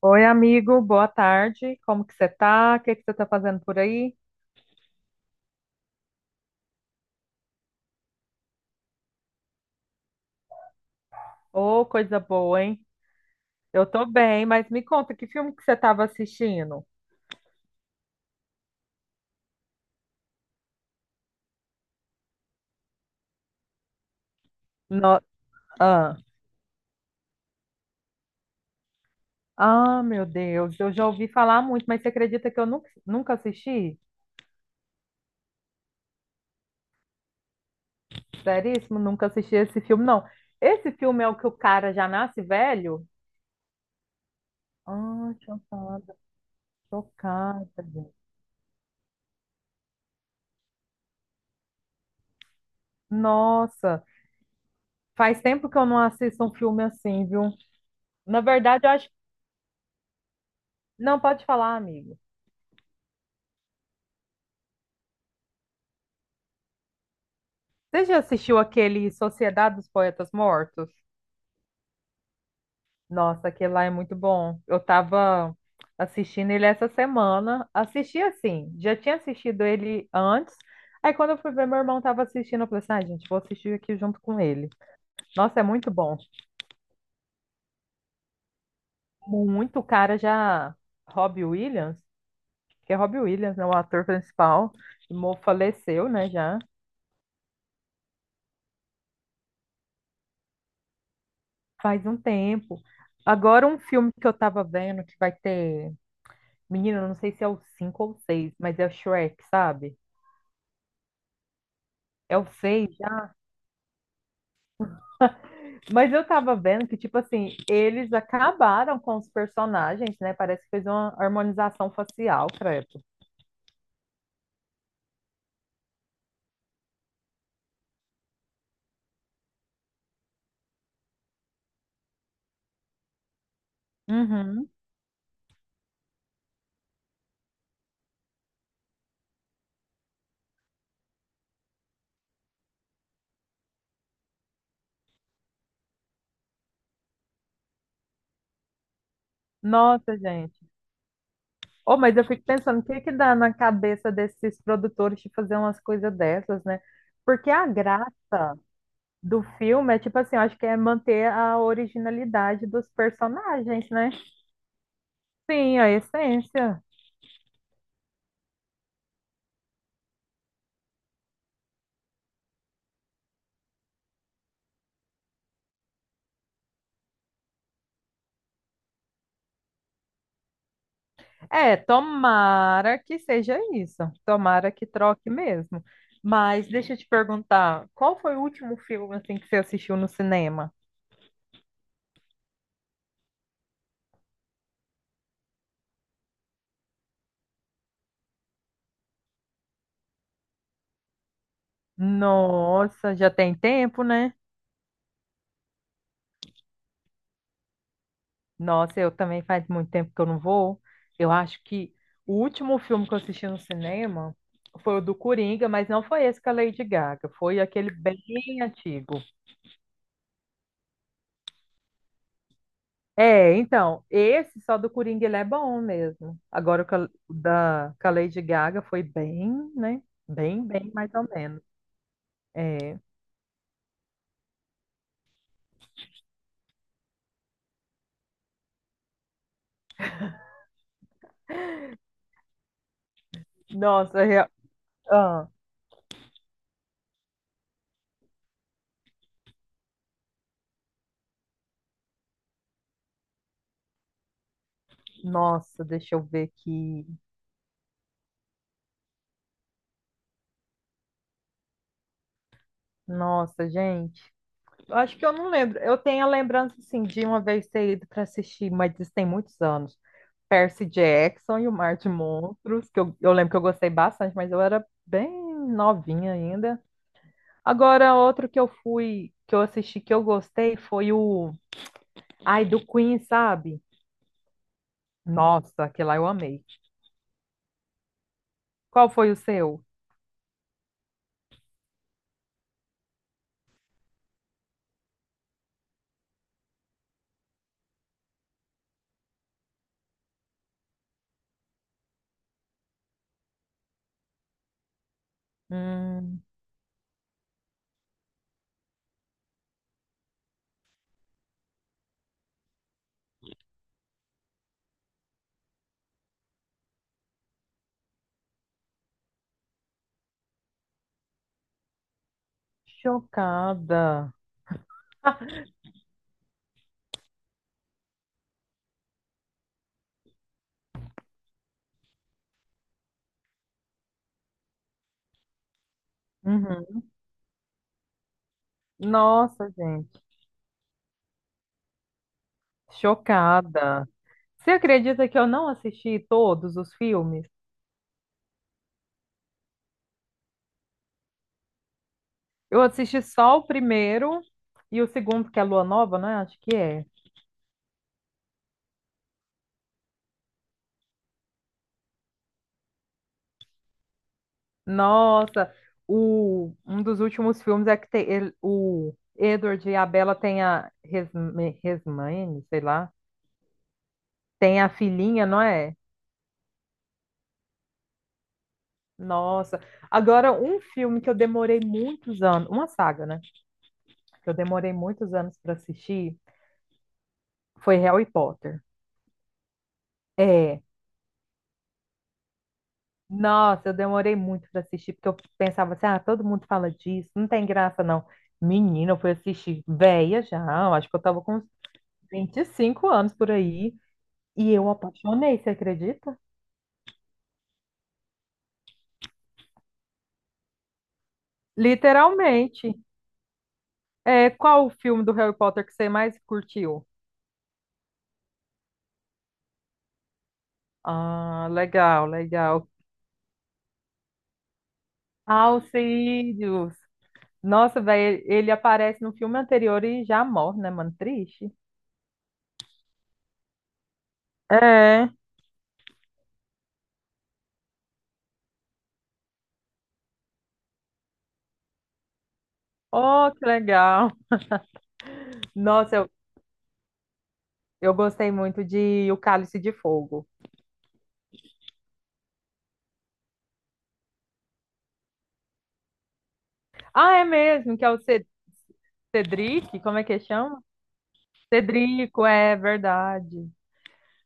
Oi, amigo, boa tarde. Como que você tá? O que que você tá fazendo por aí? Ô, coisa boa, hein? Eu tô bem, mas me conta, que filme que você tava assistindo? No... Ah. Ah, meu Deus, eu já ouvi falar muito, mas você acredita que eu nunca assisti? Seríssimo, nunca assisti esse filme, não. Esse filme é o que o cara já nasce velho? Ah, chocada, chocada, gente. Nossa, faz tempo que eu não assisto um filme assim, viu? Na verdade, eu acho... Não, pode falar, amigo. Você já assistiu aquele Sociedade dos Poetas Mortos? Nossa, aquele lá é muito bom. Eu tava assistindo ele essa semana. Assisti assim, já tinha assistido ele antes. Aí quando eu fui ver, meu irmão tava assistindo, eu falei assim, ah, gente, vou assistir aqui junto com ele. Nossa, é muito bom. Muito cara já... Robbie Williams, que é Robbie Williams, né, o ator principal, faleceu, né, já faz um tempo. Agora um filme que eu tava vendo que vai ter Menina, eu não sei se é o 5 ou o 6, mas é o Shrek, sabe? É o 6 já. Mas eu tava vendo que, tipo assim, eles acabaram com os personagens, né? Parece que fez uma harmonização facial, credo. Uhum. Nossa, gente. Oh, mas eu fico pensando, o que que dá na cabeça desses produtores de fazer umas coisas dessas, né? Porque a graça do filme é, tipo assim, eu acho que é manter a originalidade dos personagens, né? Sim, a essência. É, tomara que seja isso. Tomara que troque mesmo. Mas deixa eu te perguntar, qual foi o último filme assim que você assistiu no cinema? Nossa, já tem tempo, né? Nossa, eu também faz muito tempo que eu não vou. Eu acho que o último filme que eu assisti no cinema foi o do Coringa, mas não foi esse com a Lady Gaga, foi aquele bem antigo. É, então, esse só do Coringa ele é bom mesmo. Agora o que da com a Lady Gaga foi bem, né? Bem, bem, mais ou menos. É. Nossa, rea- ah, nossa, deixa eu ver aqui. Nossa, gente. Eu acho que eu não lembro. Eu tenho a lembrança, assim, de uma vez ter ido para assistir, mas isso tem muitos anos. Percy Jackson e o Mar de Monstros, que eu lembro que eu gostei bastante, mas eu era bem novinha ainda. Agora, outro que eu fui, que eu assisti, que eu gostei, foi o. Ai, do Queen, sabe? Nossa, aquele lá eu amei. Qual foi o seu? Hum, chocada. Uhum. Nossa, gente, chocada. Você acredita que eu não assisti todos os filmes? Eu assisti só o primeiro e o segundo, que é Lua Nova, né? Acho que é. Nossa, um dos últimos filmes é que tem, o Edward e a Bella têm a Resmaine, sei lá, tem a filhinha, não é? Nossa. Agora, um filme que eu demorei muitos anos, uma saga, né? Que eu demorei muitos anos para assistir foi Harry Potter. É. Nossa, eu demorei muito para assistir, porque eu pensava assim, ah, todo mundo fala disso, não tem graça, não. Menina, eu fui assistir velha já, eu acho que eu tava com uns 25 anos por aí. E eu apaixonei, você acredita? Literalmente. É, qual o filme do Harry Potter que você mais curtiu? Ah, legal, legal. Alcídios. Nossa, velho, ele aparece no filme anterior e já morre, né, mano? Triste. É. Oh, que legal. Nossa, eu gostei muito de O Cálice de Fogo. Ah, é mesmo, que é o Cedric, como é que chama? Cedrico, é verdade.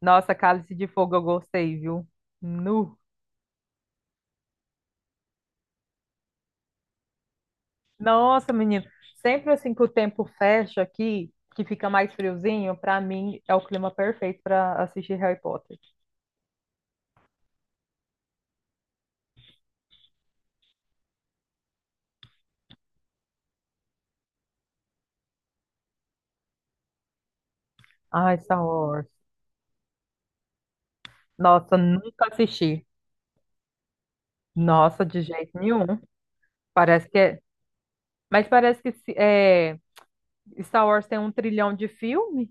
Nossa, Cálice de Fogo eu gostei, viu? Nu. Nossa, menino, sempre assim que o tempo fecha aqui, que fica mais friozinho, pra mim é o clima perfeito pra assistir Harry Potter. Ai, Star Wars. Nossa, nunca assisti. Nossa, de jeito nenhum. Parece que é. Mas parece que se- é... Star Wars tem um trilhão de filme?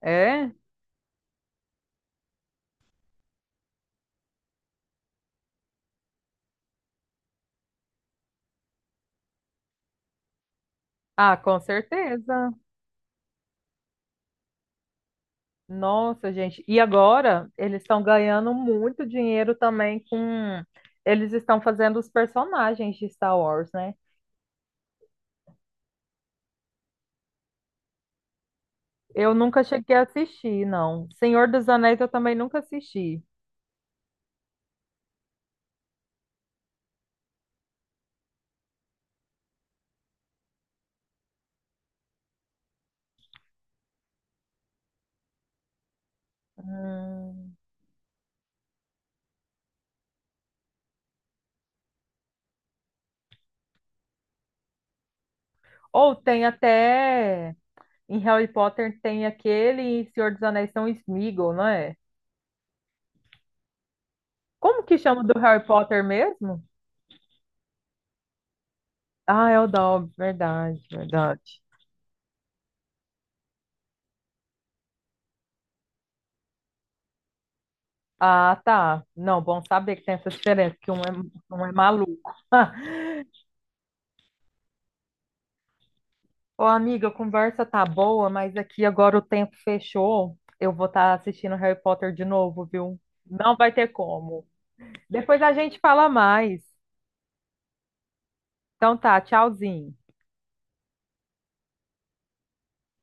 É? Ah, com certeza. Nossa, gente. E agora eles estão ganhando muito dinheiro também com. Eles estão fazendo os personagens de Star Wars, né? Eu nunca cheguei a assistir, não. Senhor dos Anéis eu também nunca assisti. Hum. Ou tem até em Harry Potter tem aquele e Senhor dos Anéis são Sméagol, não é? Como que chama do Harry Potter mesmo? Ah, é o Dobby, verdade, verdade. Ah, tá. Não, bom saber que tem essa diferença, que um é maluco. Ô, amiga, a conversa tá boa, mas aqui agora o tempo fechou. Eu vou estar assistindo Harry Potter de novo, viu? Não vai ter como. Depois a gente fala mais. Então tá, tchauzinho.